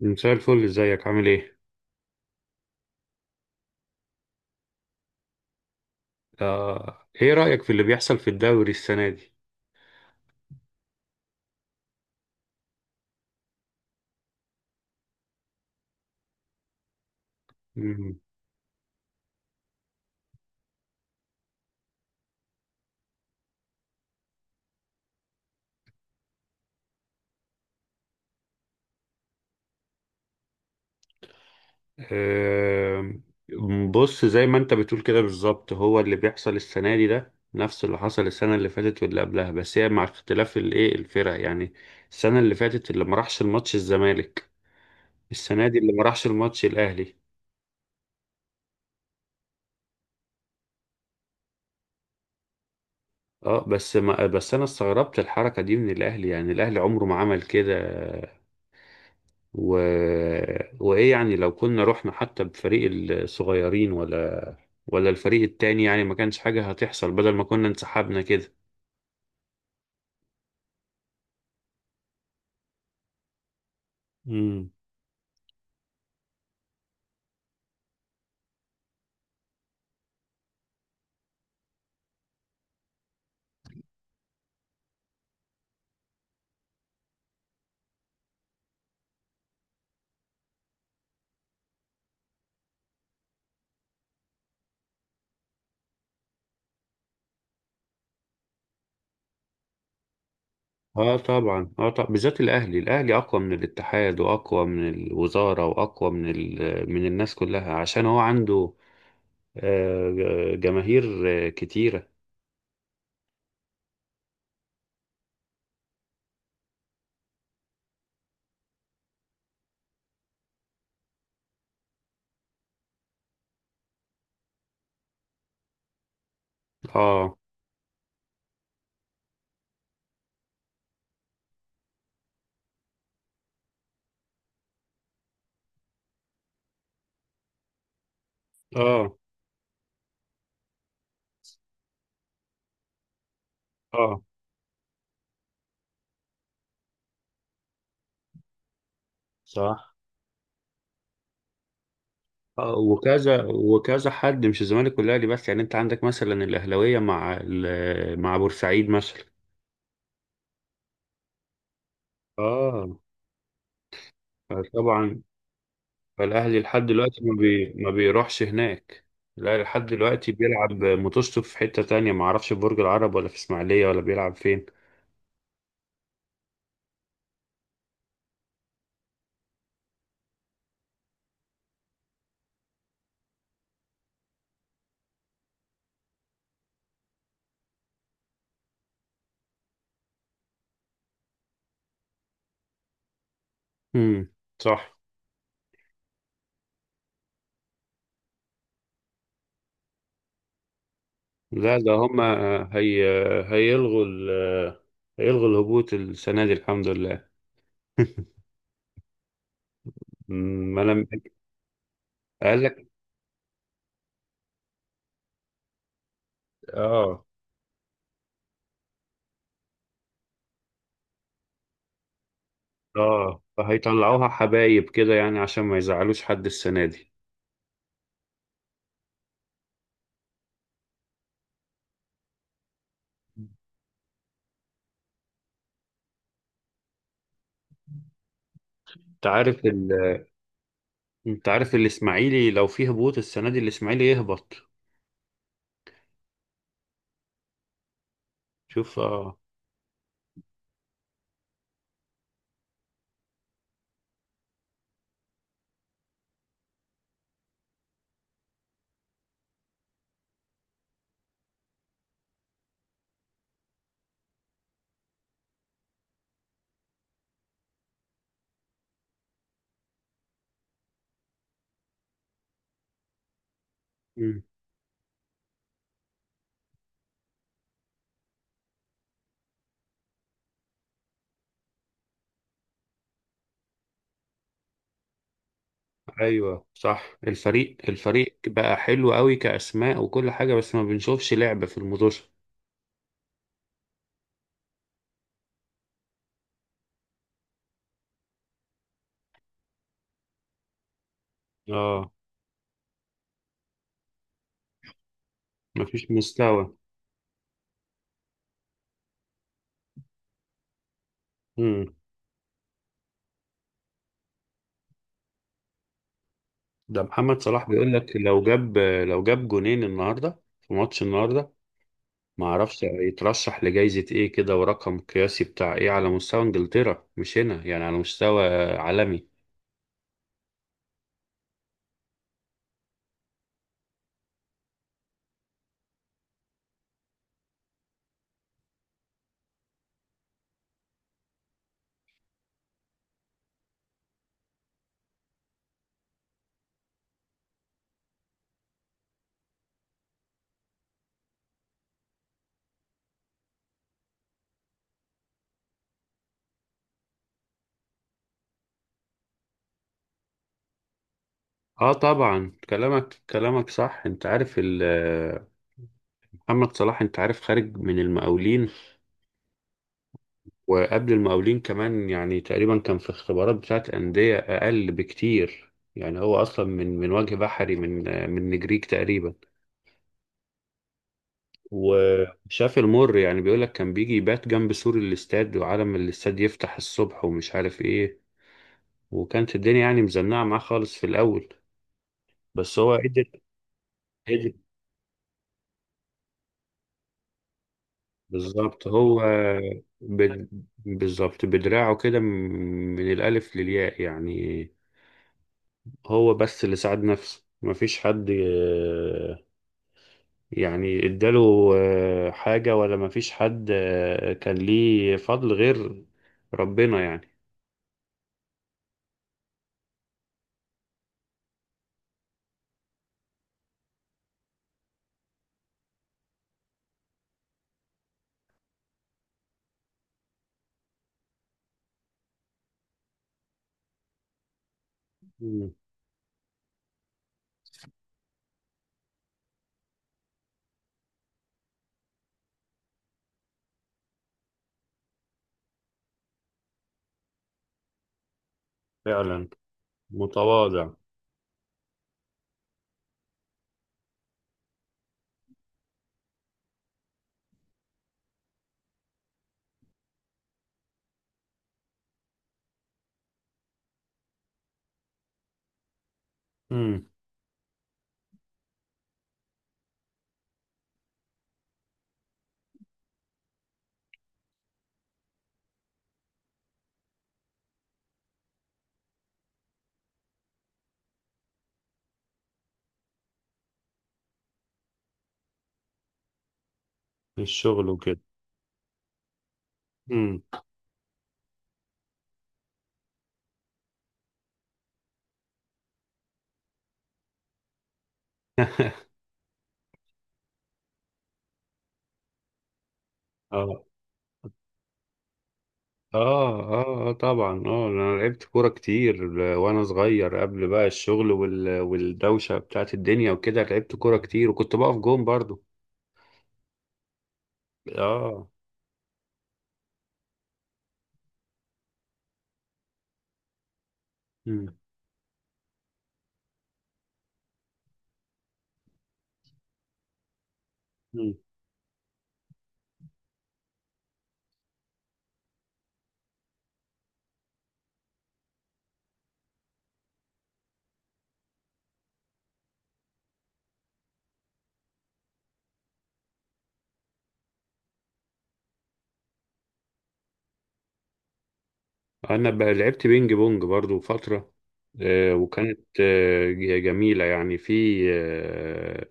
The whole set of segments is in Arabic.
مساء الفل، ازيك عامل ايه؟ ايه رأيك في اللي بيحصل في الدوري السنة دي؟ مم. آه، بص، زي ما انت بتقول كده بالظبط، هو اللي بيحصل السنة دي ده نفس اللي حصل السنة اللي فاتت واللي قبلها، بس هي مع اختلاف الايه، الفرق يعني السنة اللي فاتت اللي ما راحش الماتش الزمالك، السنة دي اللي ما راحش الماتش الأهلي. اه، بس ما بس انا استغربت الحركة دي من الأهلي، يعني الأهلي عمره ما عمل كده. و... وايه يعني لو كنا رحنا حتى بفريق الصغيرين ولا الفريق التاني، يعني ما كانش حاجة هتحصل بدل ما كنا انسحبنا كده. امم. اه طبعا، اه طبعا، بالذات الاهلي، الاهلي اقوى من الاتحاد واقوى من الوزاره واقوى من من الناس كلها، عشان هو عنده جماهير كتيره. اه، اه، اه، صح. وكذا وكذا حد، مش الزمالك والاهلي بس، يعني انت عندك مثلا الاهلاويه مع مع بورسعيد مثلا. اه طبعا. فالاهلي لحد دلوقتي ما بيروحش هناك، الاهلي لحد دلوقتي بيلعب ماتشته في حتة تانية، ما اعرفش في برج العرب ولا في اسماعيلية ولا بيلعب فين. امم صح. لا، ده هما هي... هيلغوا ال... هيلغوا الهبوط السنة دي، الحمد لله. ما انا قال لك. اه، اه، فهيطلعوها حبايب كده يعني عشان ما يزعلوش حد السنة دي. انت عارف ال... انت عارف الاسماعيلي لو فيه هبوط السنة دي، الاسماعيلي يهبط. شوف. اه. مم. ايوه صح، الفريق بقى حلو قوي كاسماء وكل حاجه، بس ما بنشوفش لعب في الموضوع. اه، مفيش مستوى. امم. ده محمد صلاح بيقول لك لو جاب جونين النهارده في ماتش النهارده، ما اعرفش يترشح لجائزة ايه كده ورقم قياسي بتاع ايه على مستوى انجلترا، مش هنا يعني، على مستوى عالمي. اه طبعا، كلامك صح. محمد صلاح انت عارف خارج من المقاولين، وقبل المقاولين كمان يعني تقريبا كان في اختبارات بتاعت أندية أقل بكتير، يعني هو أصلا من وجه بحري، من نجريج تقريبا. وشاف المر، يعني بيقولك كان بيجي يبات جنب سور الاستاد، وعلى ما الاستاد يفتح الصبح ومش عارف ايه، وكانت الدنيا يعني مزنقة معاه خالص في الأول، بس هو قدر بالظبط. هو بالظبط بدراعه كده من الألف للياء يعني. هو بس اللي ساعد نفسه، مفيش حد يعني اداله حاجة، ولا مفيش حد كان ليه فضل غير ربنا يعني. مم. فعلا متواضع. مم. في الشغل وكده. مم. اه، اه، اه، طبعا، اه، انا لعبت كورة كتير وانا صغير قبل بقى الشغل والدوشة بتاعت الدنيا وكده، لعبت كورة كتير وكنت بقف جون برضو. اه. مم. مم. انا بقى لعبت بينج بونج برضو فترة، وكانت جميلة يعني، في آه،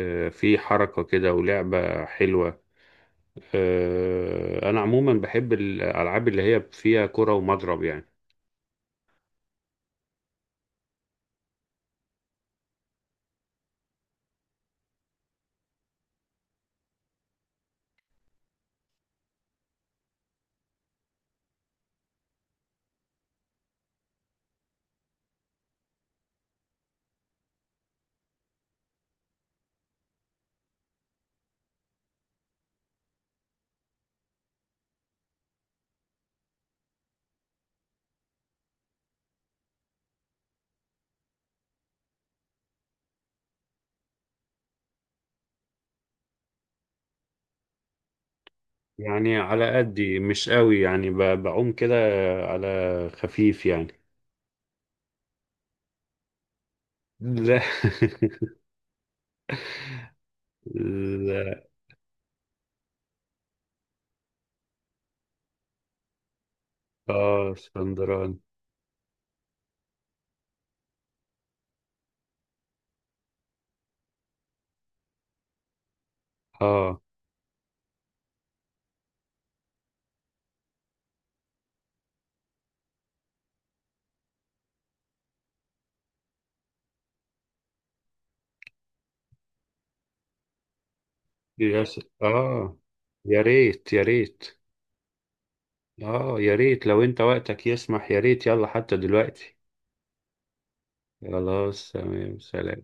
آه، في حركة كده ولعبة حلوة. انا عموما بحب الالعاب اللي هي فيها كرة ومضرب يعني. يعني على قدي، مش قوي يعني، بعوم كده على خفيف يعني. لا. لا. اه، اسكندراني. اه، اه، يا ريت يا ريت. اه يا ريت، لو انت وقتك يسمح يا ريت، يلا حتى دلوقتي. خلاص، تمام، سلام.